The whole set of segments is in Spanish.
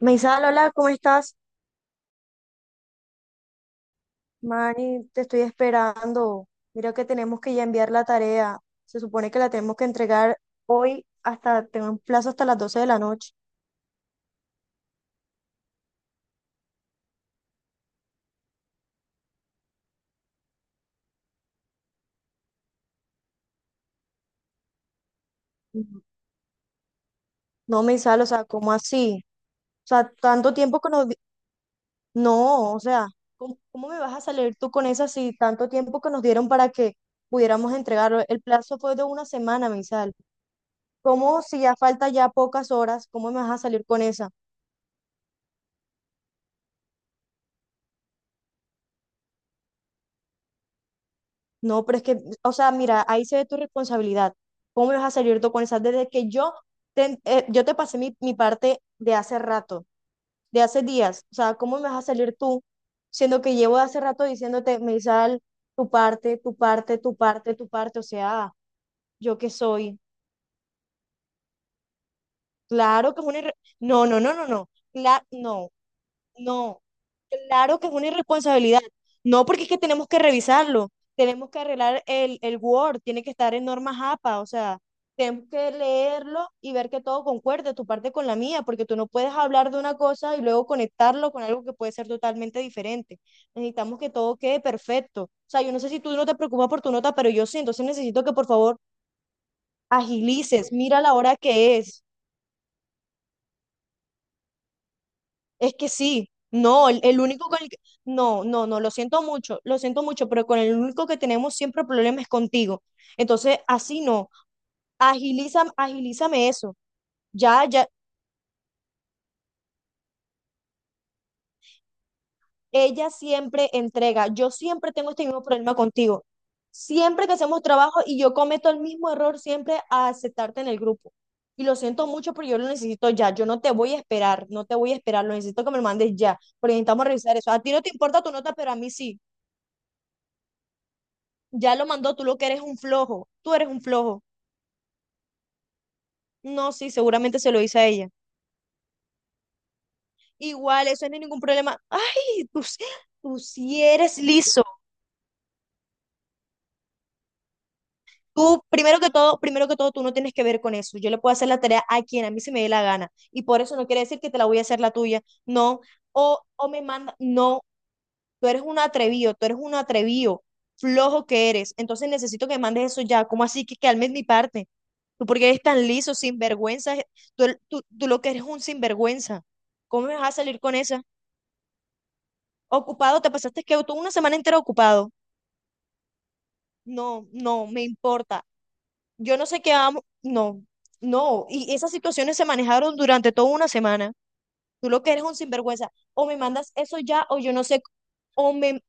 Meisal, hola, ¿cómo estás? Mani, te estoy esperando. Mira que tenemos que ya enviar la tarea. Se supone que la tenemos que entregar hoy hasta, tengo un plazo hasta las 12 de la noche. Ujú. No, Meisal, o sea, ¿cómo así? O sea, tanto tiempo que No, o sea, ¿cómo me vas a salir tú con esa si tanto tiempo que nos dieron para que pudiéramos entregarlo? El plazo fue de una semana, Meisal. ¿Cómo si ya falta ya pocas horas, cómo me vas a salir con esa? No, pero es que, o sea, mira, ahí se ve tu responsabilidad. ¿Cómo me vas a salir tú con esa? Desde que yo yo te pasé mi parte de hace rato, de hace días. O sea, ¿cómo me vas a salir tú? Siendo que llevo de hace rato diciéndote, Meisal, tu parte, tu parte, tu parte, tu parte. O sea, ¿yo qué soy? Claro que es una... irre- No. No, no. Claro que es una irresponsabilidad. No, porque es que tenemos que revisarlo. Tenemos que arreglar el Word, tiene que estar en normas APA, o sea, tenemos que leerlo y ver que todo concuerde, tu parte con la mía, porque tú no puedes hablar de una cosa y luego conectarlo con algo que puede ser totalmente diferente. Necesitamos que todo quede perfecto. O sea, yo no sé si tú no te preocupas por tu nota, pero yo sí, entonces necesito que por favor agilices, mira la hora que es. Es que sí, no, el único con el que... No, no, no, lo siento mucho, pero con el único que tenemos siempre problemas es contigo. Entonces, así no, agilízame eso. Ya, ya, ella siempre entrega, yo siempre tengo este mismo problema contigo. Siempre que hacemos trabajo y yo cometo el mismo error siempre a aceptarte en el grupo. Y lo siento mucho, pero yo lo necesito ya. Yo no te voy a esperar, no te voy a esperar, lo necesito que me lo mandes ya, porque necesitamos revisar eso. A ti no te importa tu nota, pero a mí sí. Ya lo mandó, tú lo que eres un flojo, tú eres un flojo. No, sí, seguramente se lo hice a ella. Igual, eso no es ningún problema. Ay, tú sí eres liso. Tú, primero que todo, tú no tienes que ver con eso. Yo le puedo hacer la tarea a quien a mí se me dé la gana. Y por eso no quiere decir que te la voy a hacer la tuya. No. O me manda, no, tú eres un atrevido, flojo que eres. Entonces necesito que me mandes eso ya. ¿Cómo así que calmes mi parte? ¿Tú por qué eres tan liso, sinvergüenza? Tú lo que eres es un sinvergüenza. ¿Cómo me vas a salir con esa? Ocupado, te pasaste que tú una semana entera ocupado. No, no, me importa. Yo no sé qué amo. No, no. Y esas situaciones se manejaron durante toda una semana. Tú lo que eres es un sinvergüenza. O me mandas eso ya, o yo no sé. O me,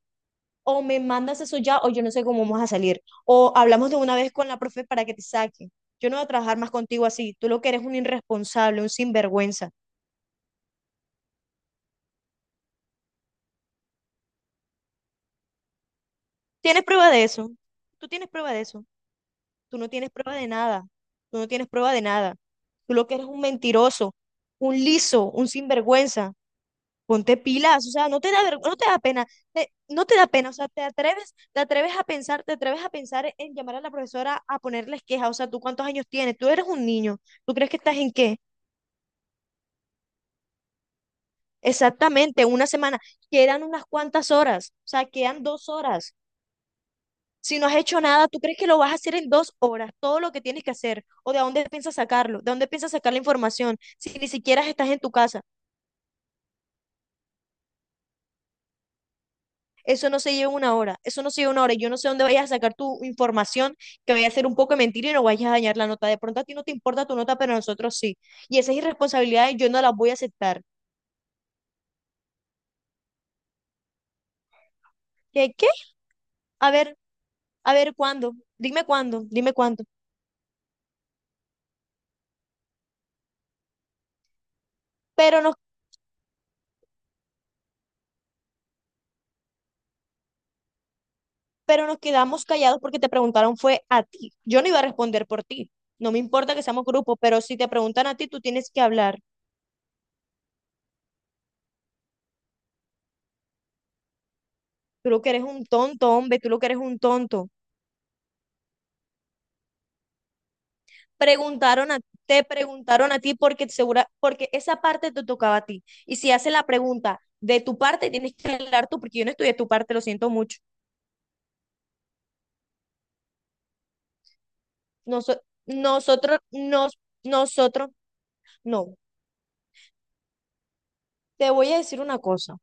o me mandas eso ya, o yo no sé cómo vamos a salir. O hablamos de una vez con la profe para que te saque. Yo no voy a trabajar más contigo así. Tú lo que eres un irresponsable, un sinvergüenza. ¿Tienes prueba de eso? Tú tienes prueba de eso. Tú no tienes prueba de nada. Tú no tienes prueba de nada. Tú lo que eres es un mentiroso, un liso, un sinvergüenza. Ponte pilas, o sea, no te da vergüenza, no te da pena, no te da pena, o sea, te atreves a pensar, te atreves a pensar en llamar a la profesora a ponerles queja, o sea, ¿tú cuántos años tienes? Tú eres un niño, ¿tú crees que estás en qué? Exactamente, una semana, quedan unas cuantas horas, o sea, quedan dos horas. Si no has hecho nada, ¿tú crees que lo vas a hacer en dos horas? Todo lo que tienes que hacer. ¿O de dónde piensas sacarlo? ¿De dónde piensas sacar la información? Si ni siquiera estás en tu casa. Eso no se lleva una hora. Eso no se lleva una hora. Y yo no sé dónde vayas a sacar tu información, que vaya a ser un poco de mentira y no vayas a dañar la nota. De pronto a ti no te importa tu nota, pero a nosotros sí. Y esas irresponsabilidades yo no las voy a aceptar. ¿Qué? ¿Qué? A ver, a ver, ¿cuándo? Dime cuándo, dime cuándo. Pero no, pero nos quedamos callados porque te preguntaron fue a ti. Yo no iba a responder por ti. No me importa que seamos grupo, pero si te preguntan a ti, tú tienes que hablar. Tú lo que eres un tonto, hombre, tú lo que eres un tonto. Preguntaron a, te preguntaron a ti porque segura, porque esa parte te tocaba a ti. Y si hace la pregunta de tu parte, tienes que hablar tú, porque yo no estudié tu parte, lo siento mucho. Nos, nosotros, nos, nosotros, no. Te voy a decir una cosa.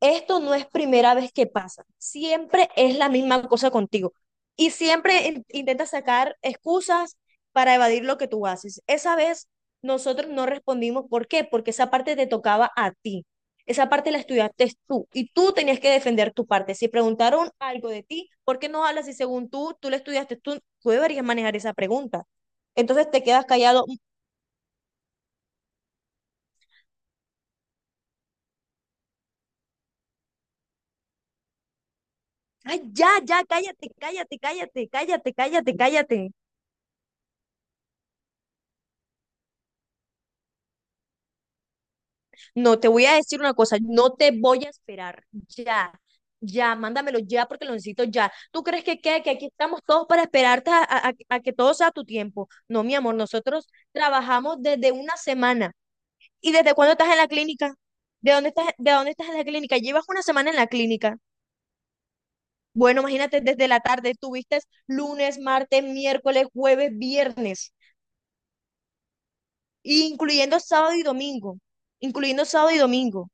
Esto no es primera vez que pasa, siempre es la misma cosa contigo y siempre intentas sacar excusas para evadir lo que tú haces. Esa vez nosotros no respondimos, ¿por qué? Porque esa parte te tocaba a ti, esa parte la estudiaste tú y tú tenías que defender tu parte. Si preguntaron algo de ti, ¿por qué no hablas si según tú, tú la estudiaste, tú deberías manejar esa pregunta? Entonces te quedas callado. Ay, ya, ya, cállate, cállate, cállate, cállate, cállate, cállate, cállate. No, te voy a decir una cosa, no te voy a esperar. Ya, ya, mándamelo ya porque lo necesito ya. ¿Tú crees que qué? Que aquí estamos todos para esperarte a, a que todo sea a tu tiempo. No, mi amor, nosotros trabajamos desde una semana. ¿Y desde cuándo estás en la clínica? ¿De dónde estás en la clínica? Llevas una semana en la clínica. Bueno, imagínate, desde la tarde tuviste lunes, martes, miércoles, jueves, viernes, incluyendo sábado y domingo, incluyendo sábado y domingo.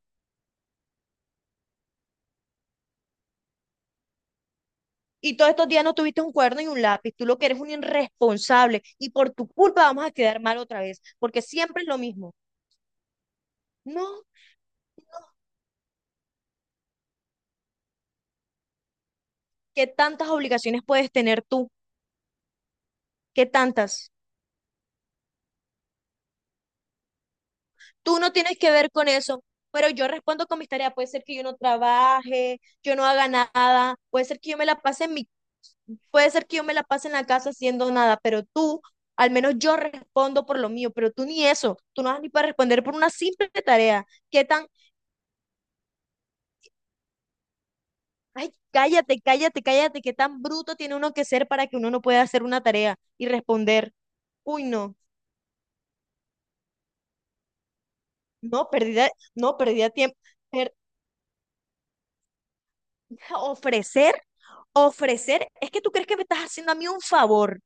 Y todos estos días no tuviste un cuerno y un lápiz. Tú lo que eres un irresponsable y por tu culpa vamos a quedar mal otra vez, porque siempre es lo mismo. No, ¿qué tantas obligaciones puedes tener tú? ¿Qué tantas? Tú no tienes que ver con eso, pero yo respondo con mis tareas. Puede ser que yo no trabaje, yo no haga nada, puede ser que yo me la pase en mi, puede ser que yo me la pase en la casa haciendo nada, pero tú, al menos yo respondo por lo mío, pero tú ni eso, tú no vas ni para responder por una simple tarea. ¿Qué tan Ay, cállate, cállate, cállate, qué tan bruto tiene uno que ser para que uno no pueda hacer una tarea y responder, uy, no, no, perdida, no, perdida tiempo. Per- ofrecer, ofrecer, es que tú crees que me estás haciendo a mí un favor,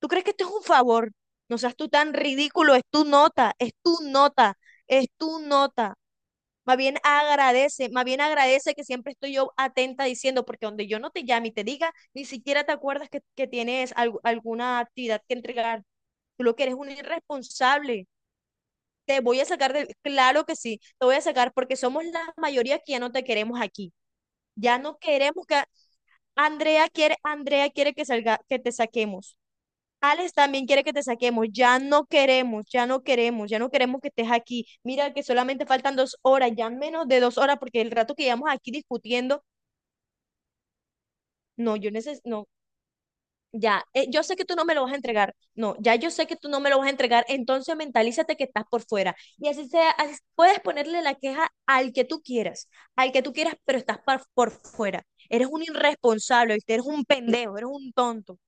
tú crees que esto es un favor, no seas tú tan ridículo, es tu nota, es tu nota, es tu nota. Más bien agradece que siempre estoy yo atenta diciendo, porque donde yo no te llame y te diga, ni siquiera te acuerdas que tienes alguna actividad que entregar. Tú lo que eres un irresponsable. Te voy a sacar de, claro que sí, te voy a sacar porque somos la mayoría que ya no te queremos aquí. Ya no queremos que Andrea quiere que salga, que te saquemos. Alex también quiere que te saquemos. Ya no queremos, ya no queremos, ya no queremos que estés aquí. Mira que solamente faltan dos horas, ya menos de dos horas, porque el rato que llevamos aquí discutiendo, no, yo necesito, no, Ya, yo sé que tú no me lo vas a entregar. No, ya yo sé que tú no me lo vas a entregar, entonces mentalízate que estás por fuera. Y así sea, puedes ponerle la queja al que tú quieras, al que tú quieras, pero estás por fuera. Eres un irresponsable, ¿viste? Eres un pendejo, eres un tonto.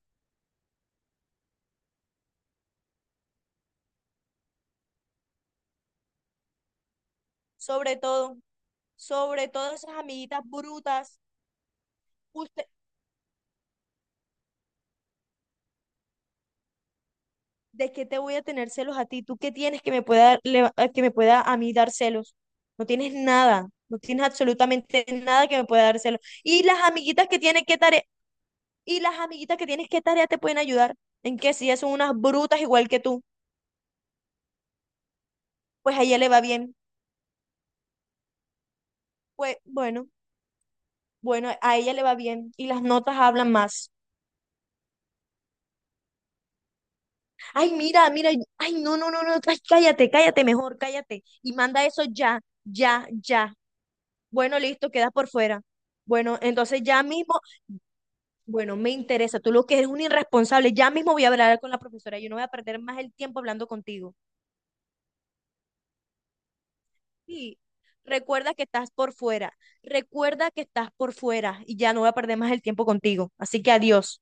Sobre todo, sobre todo esas amiguitas brutas, usted, ¿de qué te voy a tener celos a ti? ¿Tú qué tienes que me pueda, que me pueda a mí dar celos? No tienes nada, no tienes absolutamente nada que me pueda dar celos. Y las amiguitas que tienes, ¿qué tarea te pueden ayudar? En que si ellas son unas brutas igual que tú, pues a ella le va bien. Pues bueno, a ella le va bien y las notas hablan más. Ay, mira, mira, ay, no, no, no, no, ay, cállate, cállate mejor, cállate. Y manda eso ya, ya, ya. Bueno, listo, quedas por fuera. Bueno, entonces ya mismo, bueno, me interesa, tú lo que eres un irresponsable, ya mismo voy a hablar con la profesora, yo no voy a perder más el tiempo hablando contigo. Sí, recuerda que estás por fuera, recuerda que estás por fuera y ya no voy a perder más el tiempo contigo. Así que adiós.